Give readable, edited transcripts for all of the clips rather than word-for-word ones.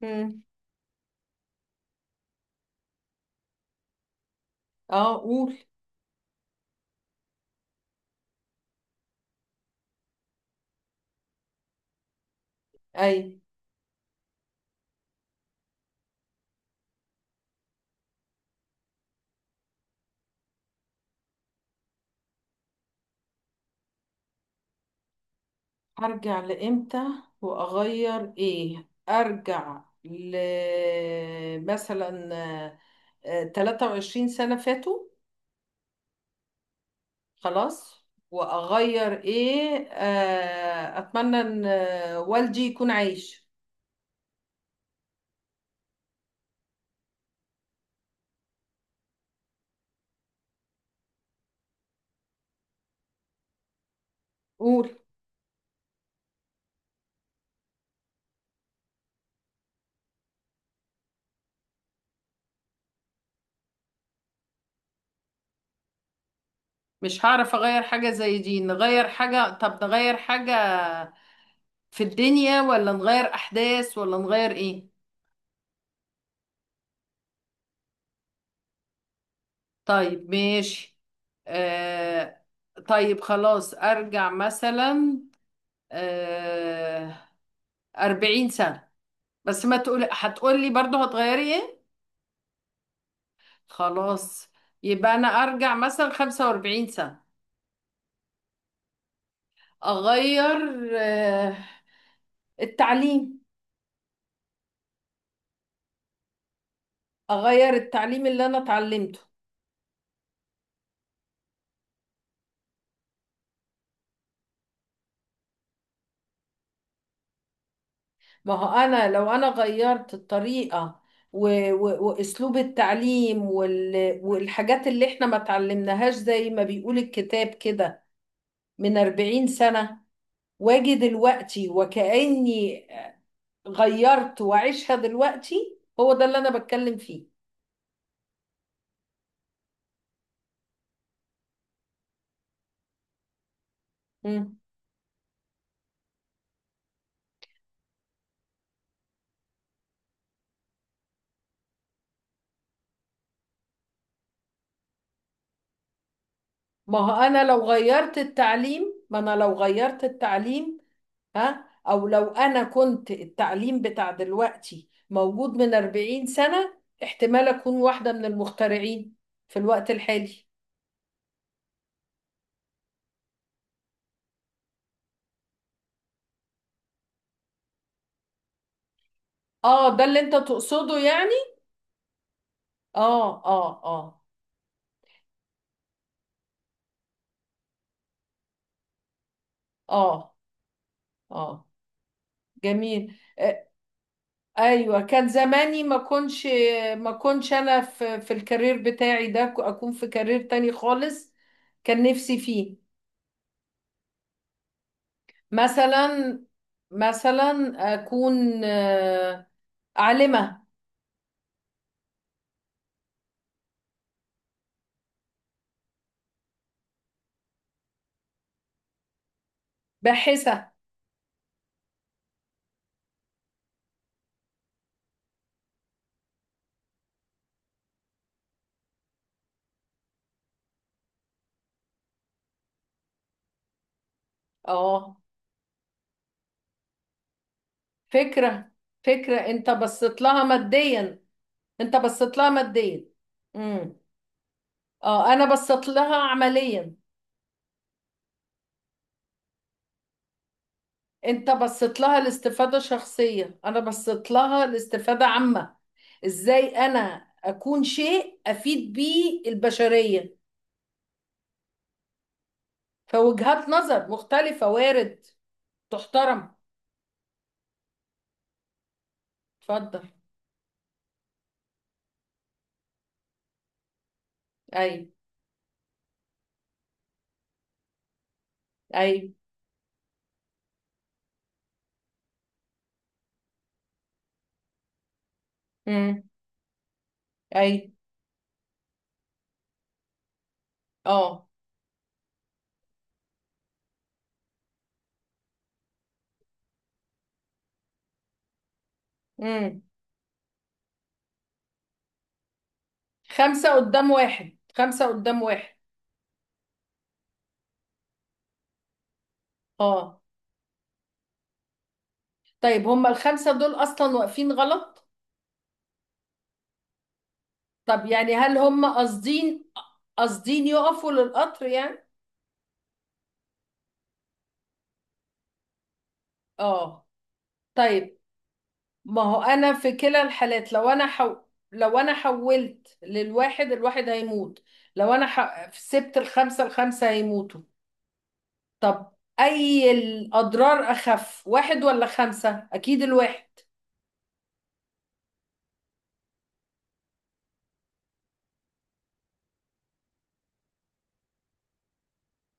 مم. اه، قول. اي. ارجع لامتى واغير ايه؟ ارجع ل، مثلا، 23 سنة فاتوا. خلاص. واغير ايه؟ اتمنى ان والدي يكون عايش. قول. مش هعرف اغير حاجة زي دي. نغير حاجة؟ طب نغير حاجة في الدنيا، ولا نغير احداث، ولا نغير ايه؟ طيب، ماشي. آه. طيب، خلاص، ارجع مثلا آه أربعين سنة. بس ما تقول، هتقول لي برضو هتغيري ايه. خلاص، يبقى انا ارجع مثلا خمسة واربعين سنة. اغير التعليم. اغير التعليم اللي انا اتعلمته. ما هو انا لو انا غيرت الطريقة و... واسلوب التعليم والحاجات اللي احنا ما اتعلمناهاش، زي ما بيقول الكتاب كده، من 40 سنة، واجي دلوقتي وكأني غيرت وعيشها دلوقتي. هو ده اللي أنا بتكلم فيه. مم. ما هو أنا لو غيرت التعليم ما أنا لو غيرت التعليم، ها، أو لو أنا كنت التعليم بتاع دلوقتي موجود من 40 سنة، احتمال أكون واحدة من المخترعين في الوقت الحالي. اه، ده اللي انت تقصده يعني. اه، اه، اه، اه، اه. جميل. ايوه، كان زماني ما كنتش انا في الكارير بتاعي ده، اكون في كارير تاني خالص. كان نفسي فيه. مثلا. مثلا اكون عالمة باحثة. اه، فكرة، فكرة. انت بصيت لها ماديا. انت بصيت لها ماديا. امم. اه، انا بصيت لها عمليا. انت بصيت لها لاستفادة شخصية، انا بصيت لها لاستفادة عامة. ازاي انا اكون شيء افيد بيه البشرية؟ فوجهات نظر مختلفة، وارد، تحترم. اتفضل. اي. اي. امم. اي. اه. امم. خمسة قدام واحد، خمسة قدام واحد. اه. طيب، هما الخمسة دول اصلا واقفين غلط. طب يعني، هل هما قاصدين، يقفوا للقطر يعني. اه. طيب، ما هو انا في كلا الحالات، لو انا حولت للواحد، الواحد هيموت. لو انا سبت الخمسة، الخمسة هيموتوا. طب، اي الاضرار اخف؟ واحد ولا خمسة؟ اكيد الواحد.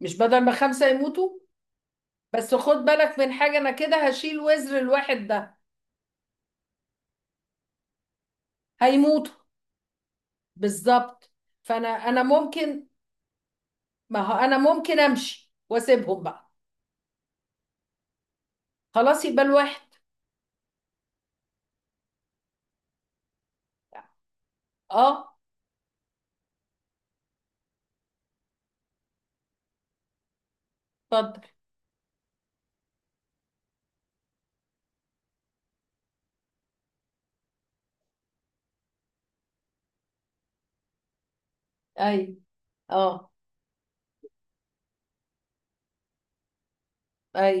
مش بدل ما خمسة يموتوا. بس خد بالك من حاجة، انا كده هشيل وزر الواحد ده. هيموتوا. بالظبط. فانا ممكن. ما هو انا ممكن امشي واسيبهم بقى. خلاص، يبقى الواحد. اه. اتفضل. اي. اه. اي.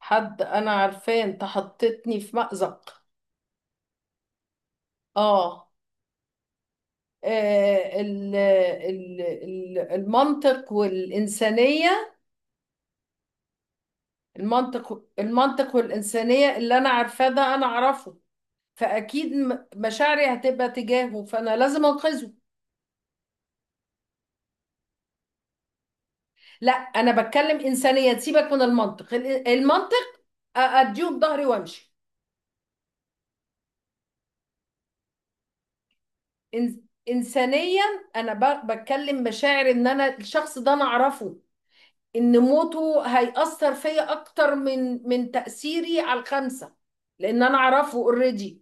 حد انا عارفاه، انت حطيتني في مأزق. اه. المنطق والإنسانية. المنطق والإنسانية، اللي أنا عارفاه ده أنا أعرفه، فأكيد مشاعري هتبقى تجاهه، فأنا لازم أنقذه. لا، أنا بتكلم إنسانية، سيبك من المنطق. المنطق، أديه بظهري وأمشي. إن- إنسانيا، أنا بتكلم مشاعر، إن أنا الشخص ده أنا أعرفه. ان موته هيأثر فيا اكتر من تأثيري على الخمسة. لان انا اعرفه اوريدي.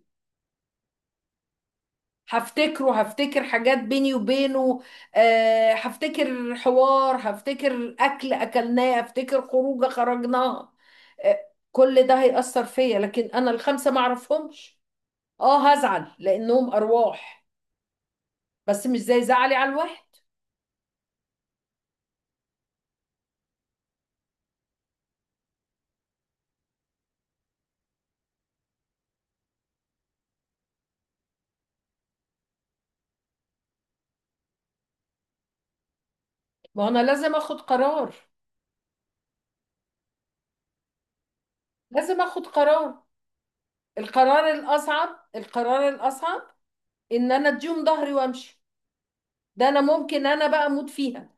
هفتكر حاجات بيني وبينه. هفتكر حوار، هفتكر اكل اكلناه، هفتكر خروجه خرجناها. آه، كل ده هيأثر فيا، لكن انا الخمسة ما اعرفهمش. اه، هزعل لانهم ارواح، بس مش زي زعلي على الواحد. ما هو انا لازم اخد قرار. لازم اخد قرار. القرار الاصعب. القرار الاصعب ان انا اديهم ظهري وامشي، ده انا ممكن انا بقى اموت فيها.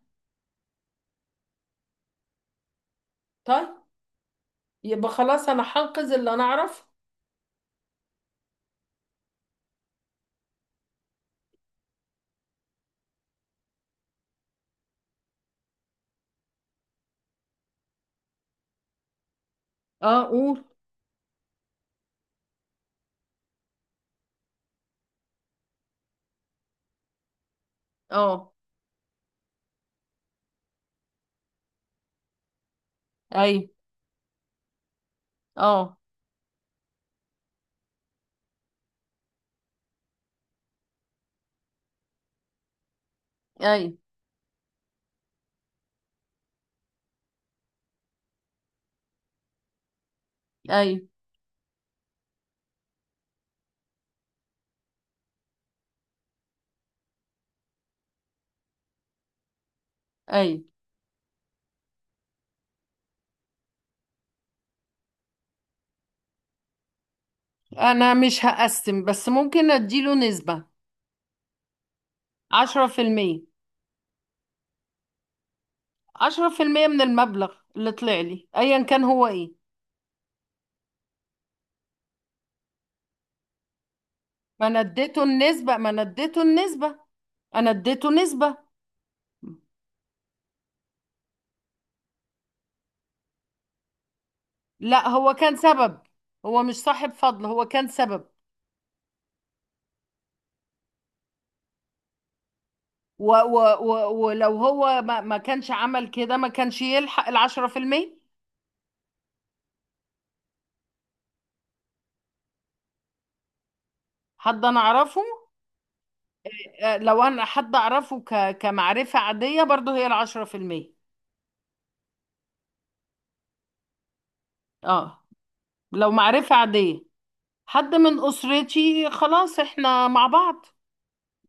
طيب، يبقى خلاص، انا هنقذ اللي انا اعرفه. اه، قول. اه. اي. اه. اي. اي. اي. انا مش هقسم، بس ممكن اديله نسبة. عشرة في المية. عشرة في المية من المبلغ اللي طلع لي، ايا كان هو ايه. ما انا اديته النسبة. ما انا اديته النسبة. انا اديته نسبة. لا، هو كان سبب. هو مش صاحب فضل، هو كان سبب. و و و ولو هو ما كانش عمل كده، ما كانش يلحق العشرة في المية. حد أنا أعرفه. لو أنا حد أعرفه كمعرفة عادية، برضه هي العشرة في المية. اه. لو معرفة عادية. حد من أسرتي، خلاص، احنا مع بعض.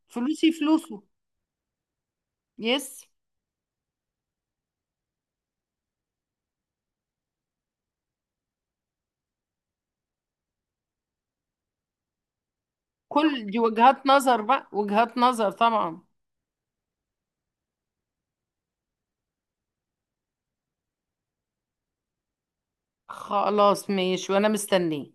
فلوسي فلوسه. يس. كل دي وجهات نظر بقى، وجهات نظر طبعا. خلاص، ماشي، وأنا مستنيه.